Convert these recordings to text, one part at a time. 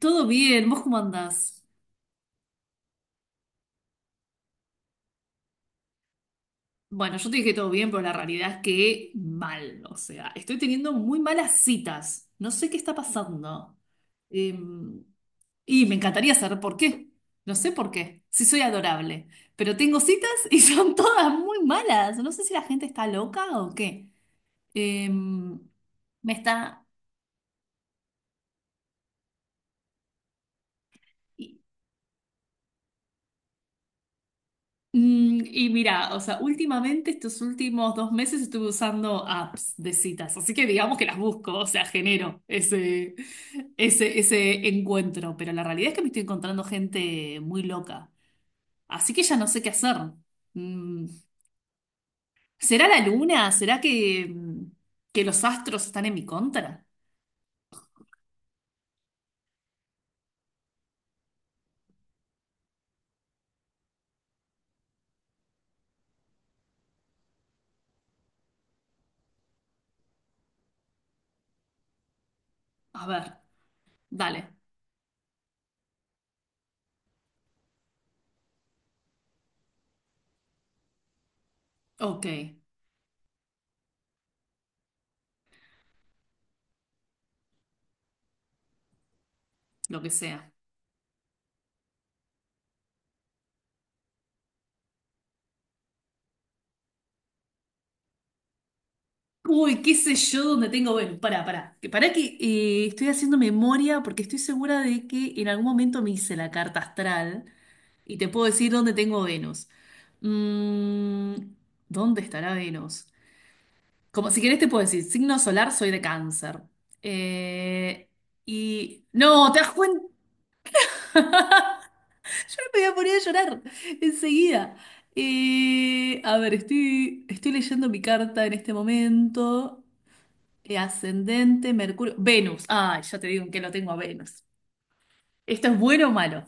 Todo bien, ¿vos cómo andás? Bueno, yo te dije todo bien, pero la realidad es que mal, o sea, estoy teniendo muy malas citas, no sé qué está pasando. Eh, y me encantaría saber por qué, no sé por qué, si soy adorable, pero tengo citas y son todas muy malas, no sé si la gente está loca o qué. Eh, me está... Mm, y mira, o sea, últimamente, estos últimos dos meses estuve usando apps de citas, así que digamos que las busco, o sea, genero ese encuentro, pero la realidad es que me estoy encontrando gente muy loca, así que ya no sé qué hacer. Mm, ¿será la luna? ¿Será que, que los astros están en mi contra? A ver, dale, ok, lo que sea. Uy, qué sé yo dónde tengo. Bueno, pará. Pará que estoy haciendo memoria porque estoy segura de que en algún momento me hice la carta astral y te puedo decir dónde tengo Venus. Mm, ¿dónde estará Venus? Como si querés te puedo decir, signo solar soy de cáncer. Eh, No, ¿te das cuenta? Yo no me voy a poner a llorar enseguida. A ver, estoy leyendo mi carta en este momento. Ascendente, Mercurio, Venus. Ay, ya te digo que lo tengo a Venus. ¿Esto es bueno o malo?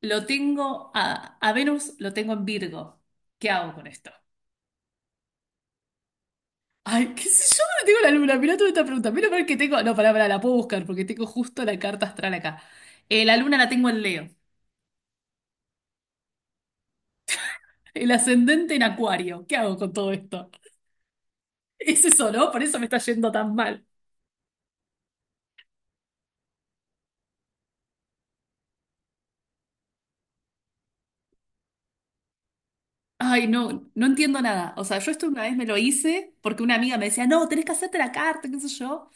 Lo tengo a Venus, lo tengo en Virgo. ¿Qué hago con esto? Ay, qué sé yo, no tengo la luna. Mirá toda esta pregunta. Menos mal que tengo. No, pará, la puedo buscar porque tengo justo la carta astral acá. La luna la tengo en Leo. El ascendente en Acuario. ¿Qué hago con todo esto? Es eso, ¿no? Por eso me está yendo tan mal. Ay, no, no entiendo nada. O sea, yo esto una vez me lo hice porque una amiga me decía, no, tenés que hacerte la carta, qué sé yo.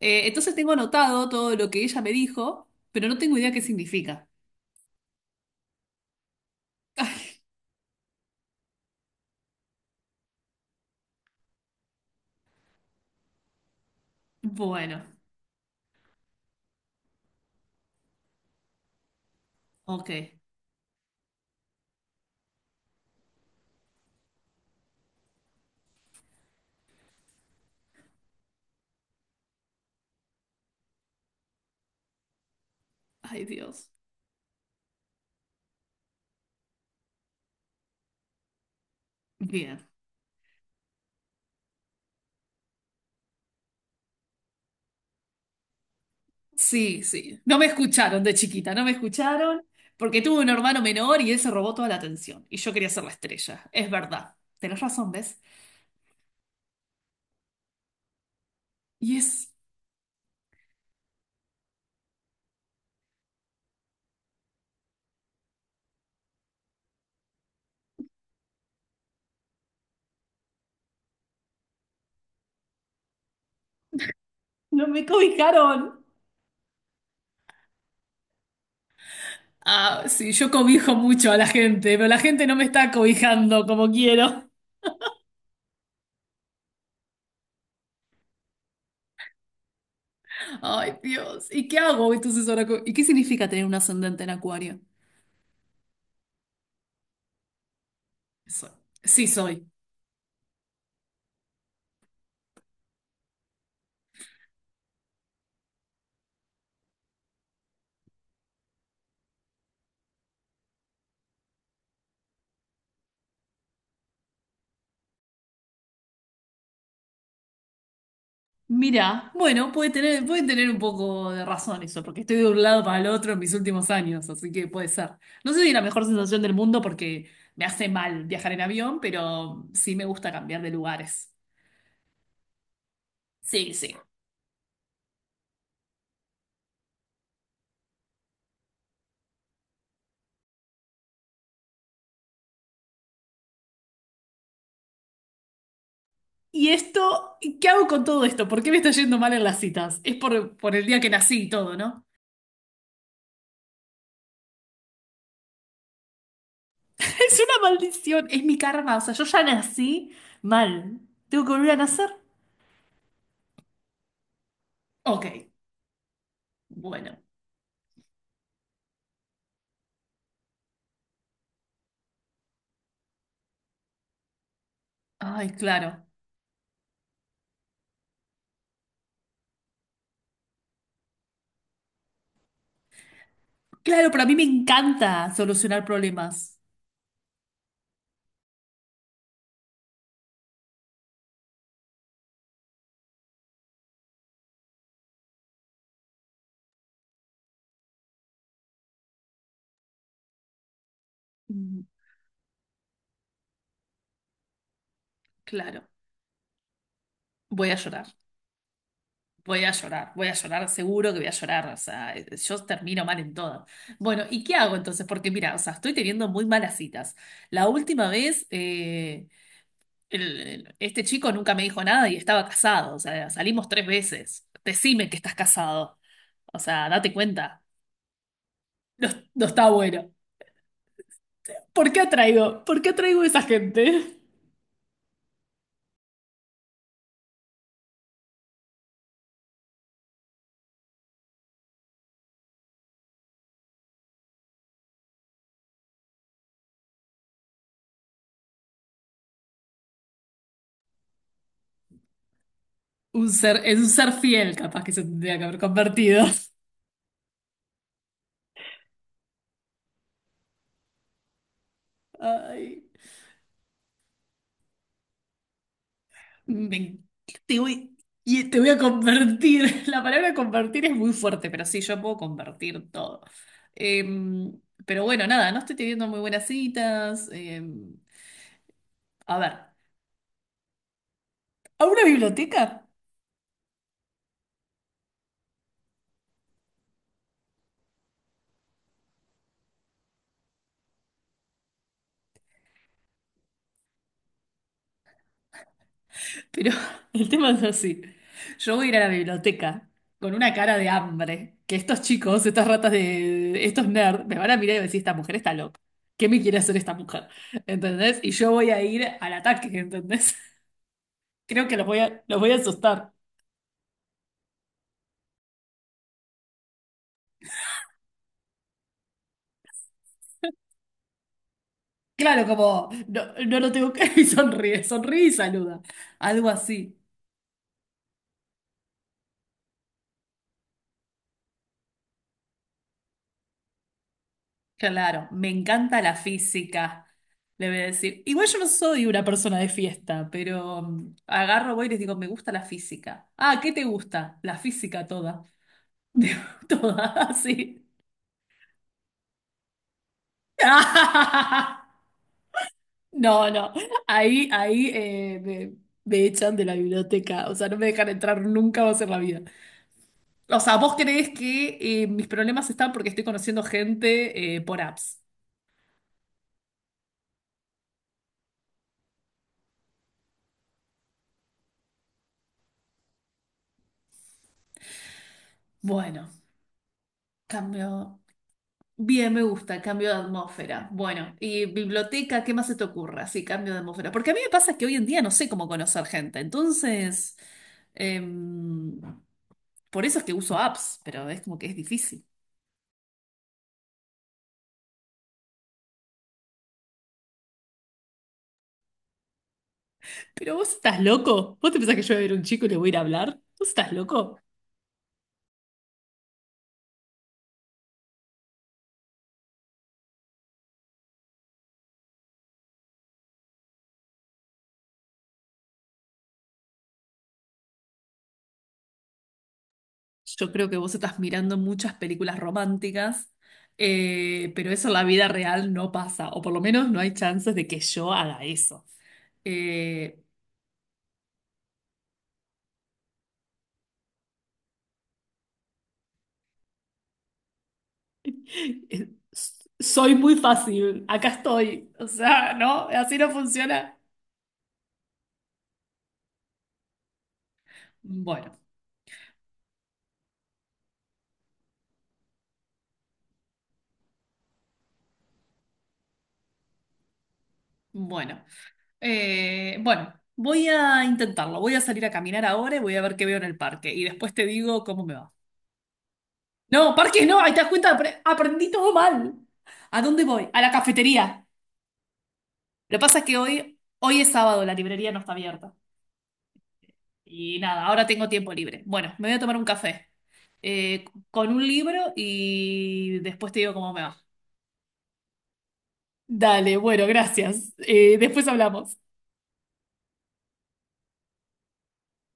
Entonces tengo anotado todo lo que ella me dijo, pero no tengo idea qué significa. Bueno, ok. Ay, Dios. Bien. Sí, sí. No me escucharon de chiquita, no me escucharon porque tuve un hermano menor y él se robó toda la atención y yo quería ser la estrella. Es verdad. Tenés razón, ¿ves? Y es... No me cobijaron. Ah, sí, yo cobijo mucho a la gente, pero la gente no me está cobijando como quiero. Ay, Dios. ¿Y qué hago entonces ahora? ¿Y qué significa tener un ascendente en Acuario? Soy. Sí, soy. Mira, bueno, puede tener un poco de razón eso, porque estoy de un lado para el otro en mis últimos años, así que puede ser. No sé si es la mejor sensación del mundo porque me hace mal viajar en avión, pero sí me gusta cambiar de lugares. Sí, sí. Y esto, ¿qué hago con todo esto? ¿Por qué me está yendo mal en las citas? Es por el día que nací y todo, ¿no? Es una maldición, es mi karma. O sea, yo ya nací mal. ¿Tengo que volver a nacer? Ok, bueno. Ay, claro. Claro, pero a mí me encanta solucionar problemas. Mm, claro. Voy a llorar. Voy a llorar. Voy a llorar, seguro que voy a llorar. O sea, yo termino mal en todo. Bueno, ¿y qué hago entonces? Porque mira, o sea, estoy teniendo muy malas citas. La última vez... eh, este chico nunca me dijo nada y estaba casado, o sea, salimos tres veces. Decime que estás casado, o sea, date cuenta. No, no está bueno. ¿Por qué atraigo? ¿Por qué atraigo a esa gente? Un ser, en un ser fiel, capaz que se tendría que haber convertido. Ay, me- te voy, y te voy a convertir. La palabra convertir es muy fuerte, pero sí, yo puedo convertir todo. Em, pero bueno, nada, no estoy teniendo muy buenas citas. A ver, ¿a una biblioteca? Pero el tema es así. Yo voy a ir a la biblioteca con una cara de hambre, que estos chicos, estos nerds, me van a mirar y van a decir, esta mujer está loca. ¿Qué me quiere hacer esta mujer? ¿Entendés? Y yo voy a ir al ataque, ¿entendés? Creo que los voy a asustar. Claro, como, no, no lo tengo que... Y sonríe, sonríe y saluda. Algo así. Claro, me encanta la física, le voy a decir. Igual yo no soy una persona de fiesta, pero mm, agarro, voy y les digo, me gusta la física. Ah, ¿qué te gusta? La física toda. Digo, toda, así. No, no, ahí me echan de la biblioteca, o sea, no me dejan entrar nunca más en la vida. O sea, ¿vos creés que mis problemas están porque estoy conociendo gente por apps? Bueno, cambio. Bien, me gusta, cambio de atmósfera. Bueno, y biblioteca, ¿qué más se te ocurra? Sí, cambio de atmósfera. Porque a mí me pasa que hoy en día no sé cómo conocer gente. Entonces, em, por eso es que uso apps, pero es como que es difícil. Pero vos estás loco. ¿Vos te pensás que yo voy a ver a un chico y le voy a ir a hablar? ¿Vos estás loco? Yo creo que vos estás mirando muchas películas románticas, pero eso en la vida real no pasa, o por lo menos no hay chances de que yo haga eso. Eh, Soy muy fácil, acá estoy. O sea, no, así no funciona. Bueno, bueno. Bueno, voy a intentarlo. Voy a salir a caminar ahora y voy a ver qué veo en el parque. Y después te digo cómo me va. No, parque no, ahí te das cuenta, aprendí todo mal. ¿A dónde voy? A la cafetería. Lo que pasa es que hoy, hoy es sábado, la librería no está abierta. Y nada, ahora tengo tiempo libre. Bueno, me voy a tomar un café eh, con un libro y después te digo cómo me va. Dale, bueno, gracias. Después hablamos.